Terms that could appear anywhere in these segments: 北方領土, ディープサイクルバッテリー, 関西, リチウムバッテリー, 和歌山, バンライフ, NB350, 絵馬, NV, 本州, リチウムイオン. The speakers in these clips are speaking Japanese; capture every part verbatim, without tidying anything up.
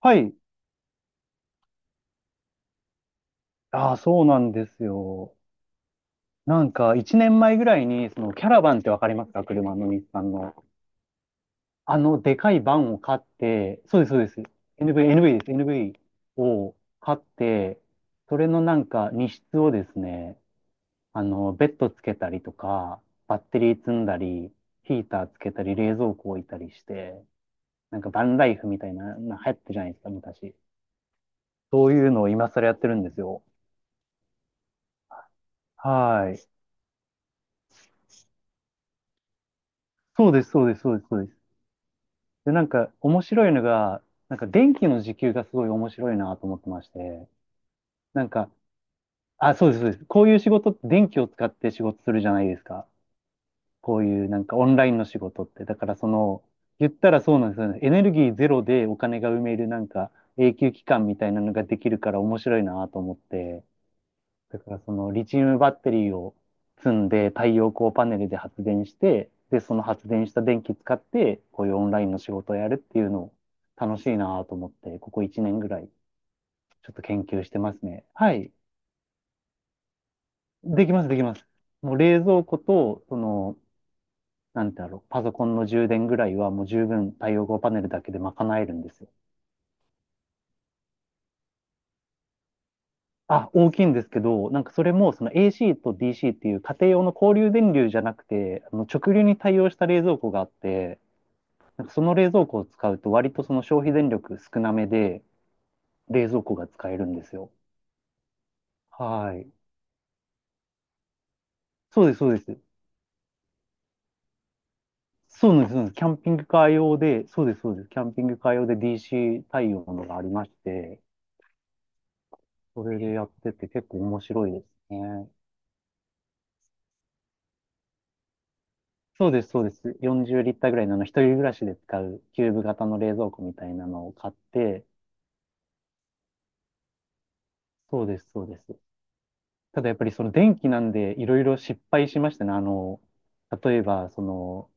はい。ああ、そうなんですよ。なんか、一年前ぐらいに、その、キャラバンってわかりますか？車の日産の。あの、でかいバンを買って、そうです、そうです。エヌブイ、エヌブイ です。エヌブイ を買って、それのなんか、荷室をですね、あの、ベッドつけたりとか、バッテリー積んだり、ヒーターつけたり、冷蔵庫置いたりして、なんか、バンライフみたいな、な流行ったじゃないですか、昔。そういうのを今更やってるんですよ。はい。そうです、そうです、そうです、そうです。で、なんか面白いのが、なんか電気の時給がすごい面白いなと思ってまして、なんか、あ、そうです、そうです。こういう仕事って電気を使って仕事するじゃないですか。こういうなんかオンラインの仕事って。だからその、言ったらそうなんですよね。エネルギーゼロでお金が埋めるなんか永久期間みたいなのができるから面白いなと思って。だからそのリチウムバッテリーを積んで太陽光パネルで発電して、で、その発電した電気使って、こういうオンラインの仕事をやるっていうのを楽しいなと思って、ここいちねんぐらいちょっと研究してますね。はい。できます、できます。もう冷蔵庫と、その、なんてだろう、パソコンの充電ぐらいはもう十分太陽光パネルだけで賄えるんですよ。あ、大きいんですけど、なんかそれもその エーシー と ディーシー っていう家庭用の交流電流じゃなくて、あの直流に対応した冷蔵庫があって、なんかその冷蔵庫を使うと割とその消費電力少なめで冷蔵庫が使えるんですよ。はい。そうです、そうです。そうなんです、そうなんです。キャンピングカー用で、そうです、そうです。キャンピングカー用で ディーシー 対応のがありまして、それでやってて結構面白いですね。そうです、そうです。よんじゅうリッターぐらいのあの一人暮らしで使うキューブ型の冷蔵庫みたいなのを買って、そうです、そうです。ただやっぱりその電気なんでいろいろ失敗しましたね。あの、例えば、その、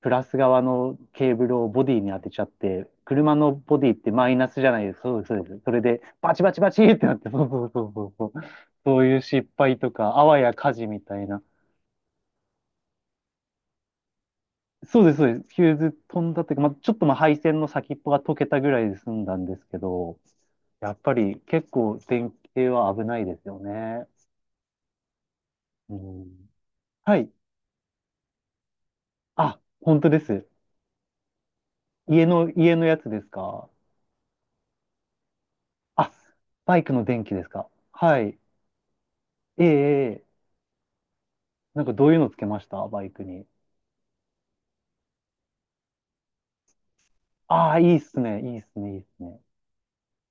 プラス側のケーブルをボディに当てちゃって、車のボディってマイナスじゃないですか。そうです、そうです。それで、バチバチバチってなって、そうそうそうそうそう。そういう失敗とか、あわや火事みたいな。そうです、そうです。ヒューズ飛んだというか、まあ、ちょっとまあ配線の先っぽが溶けたぐらいで済んだんですけど、やっぱり結構電気系は危ないですよね。うん、はい。あ、本当です。家の、家のやつですか？あ、バイクの電気ですか？はい。えええなんかどういうのつけました？バイクに。ああ、いいっすね。いいっすね。いいっすね。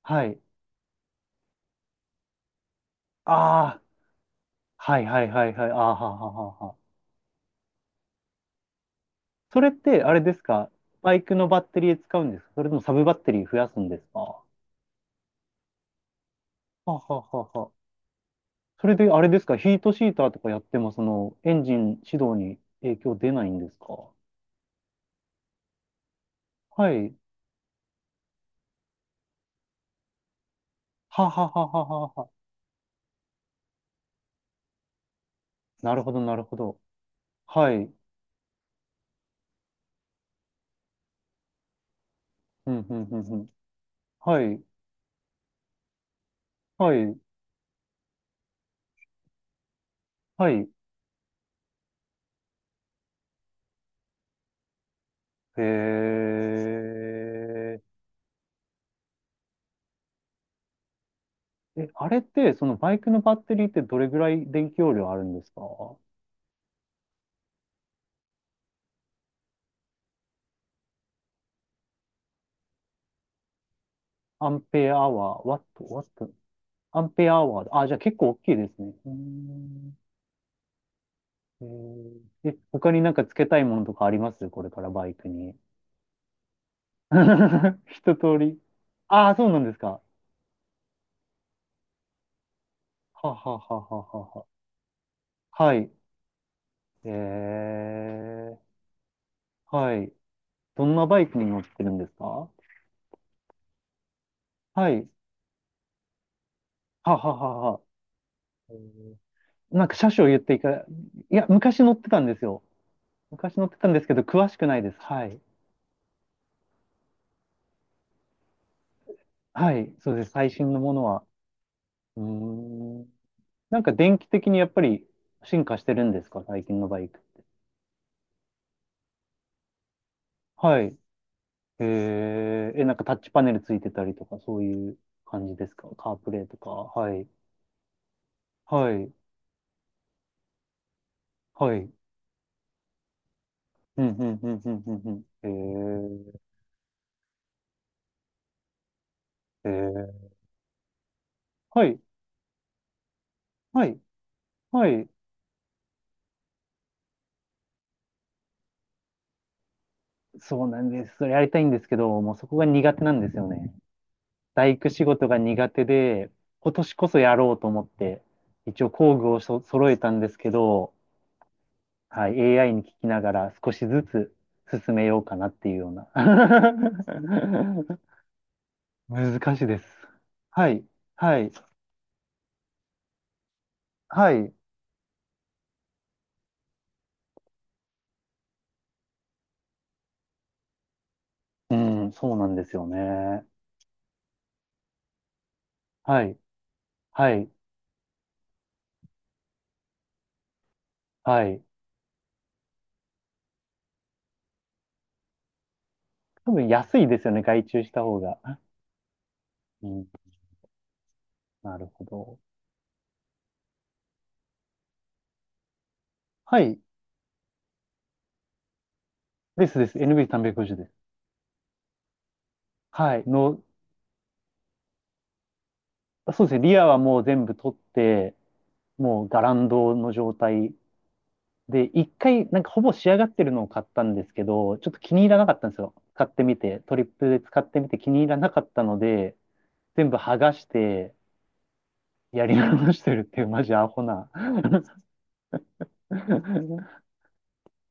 はい。ああ、はいはいはいはい。ああ、はははあはあ。それって、あれですか？バイクのバッテリー使うんですか？それともサブバッテリー増やすんですか？はあはあはあはあ。それで、あれですか？ヒートシーターとかやっても、その、エンジン始動に影響出ないんですか？はい。はははあはあはあはあ。なるほど、なるほど。はい。うん、うん、うん、うん。はい。はい。はい。へえ。え、あれって、そのバイクのバッテリーってどれぐらい電気容量あるんですか？アンペアアワー、ワット、ワット、アンペアアワー、あ、じゃあ結構大きいですね。うーん。えー、え、他になんか付けたいものとかあります？これからバイクに。一通り。ああ、そうなんですか。はははあはあはあはあ。はい。えー、はい。どんなバイクに乗ってるんですか？はい。はあはあはあはあ。えー、なんか車種を言っていか、いや、昔乗ってたんですよ。昔乗ってたんですけど、詳しくないです。はい。はい。そうです。最新のものは。うーん。なんか電気的にやっぱり進化してるんですか？最近のバイク。はい。えー、え、なんかタッチパネルついてたりとか、そういう感じですか？カープレイとか。はい。はい。はい。うん、うん、うん、うん、うん。うん、えー、えー、はい。はい。はい。そうなんです。それやりたいんですけど、もうそこが苦手なんですよね。大工仕事が苦手で、今年こそやろうと思って、一応工具をそ揃えたんですけど、はい、エーアイ に聞きながら少しずつ進めようかなっていうような。難しいです。はい、はい、はい。うん、そうなんですよね。はい、はい、はい。多分安いですよね、外注した方が。うん、なるほど。はい、ですです。エヌビーさんごうまる です。はい、の、そうですね、リアはもう全部取って、もうガランドの状態で、一回、なんかほぼ仕上がってるのを買ったんですけど、ちょっと気に入らなかったんですよ。使ってみて、トリップで使ってみて気に入らなかったので、全部剥がして、やり直してるっていう、マジアホな。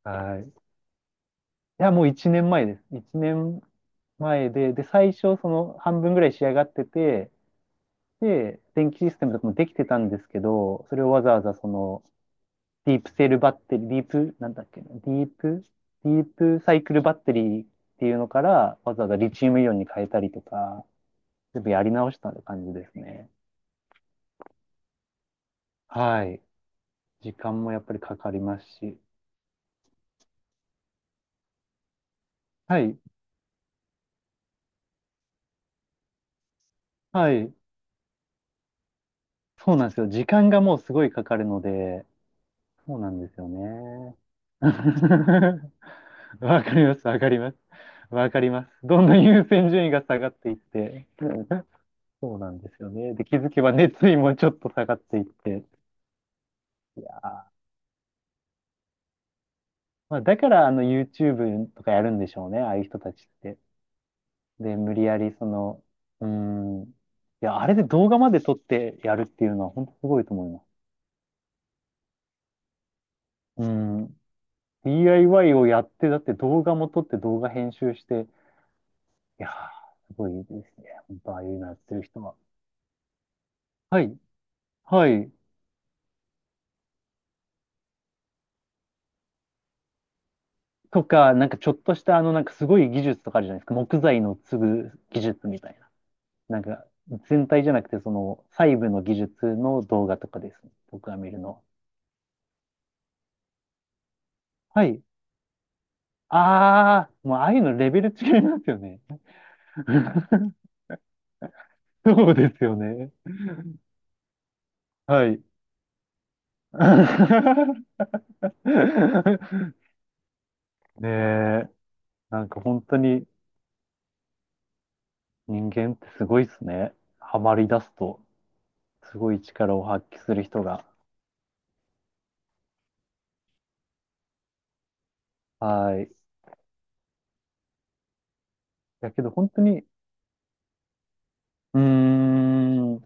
はい。いや、もういちねんまえです。いちねんまえで、で、最初、その半分ぐらい仕上がってて、で、電気システムとかもできてたんですけど、それをわざわざその、ディープセルバッテリー、ディープ、なんだっけな、ディープ、ディープサイクルバッテリーっていうのから、わざわざリチウムイオンに変えたりとか、全部やり直した感じですね。はい。時間もやっぱりかかりますし。はい。はい。そうなんですよ。時間がもうすごいかかるので、そうなんですよね。わかります、わかります。わかります。どんどん優先順位が下がっていって。そうなんですよね。で、気づけば熱意もちょっと下がっていって。いやー、まあ、だから、あの、YouTube とかやるんでしょうね、ああいう人たちって。で、無理やり、その、うーん、いや、あれで動画まで撮ってやるっていうのは、本当すごいと思います。うーん、ディーアイワイ をやって、だって動画も撮って動画編集して、いやー、すごいですね。本当、ああいうのやってる人は。はい、はい。とか、なんかちょっとした、あの、なんかすごい技術とかあるじゃないですか。木材の継ぐ技術みたいな。なんか、全体じゃなくて、その、細部の技術の動画とかですね。僕が見るのは。はい。ああ、もうああいうのレベル違いますよね。そうですよね。はい。ねえ、なんか本当に人間ってすごいっすね。ハマり出すと、すごい力を発揮する人が。はい。だけど本当に、うーん。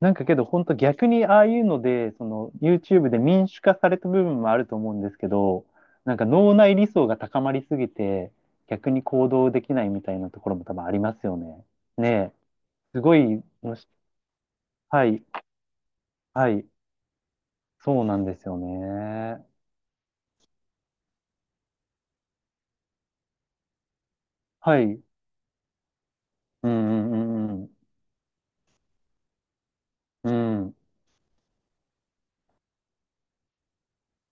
なんかけど、本当逆にああいうので、その YouTube で民主化された部分もあると思うんですけど、なんか脳内理想が高まりすぎて、逆に行動できないみたいなところも多分ありますよね。ねえ、すごいのし、はい、はい、そうなんですよね。はい、うん、うん、うん、うん、うん、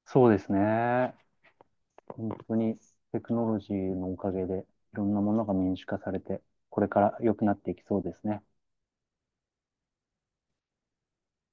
そうですね。本当にテクノロジーのおかげで、いろんなものが民主化されて、これから良くなっていきそうですね。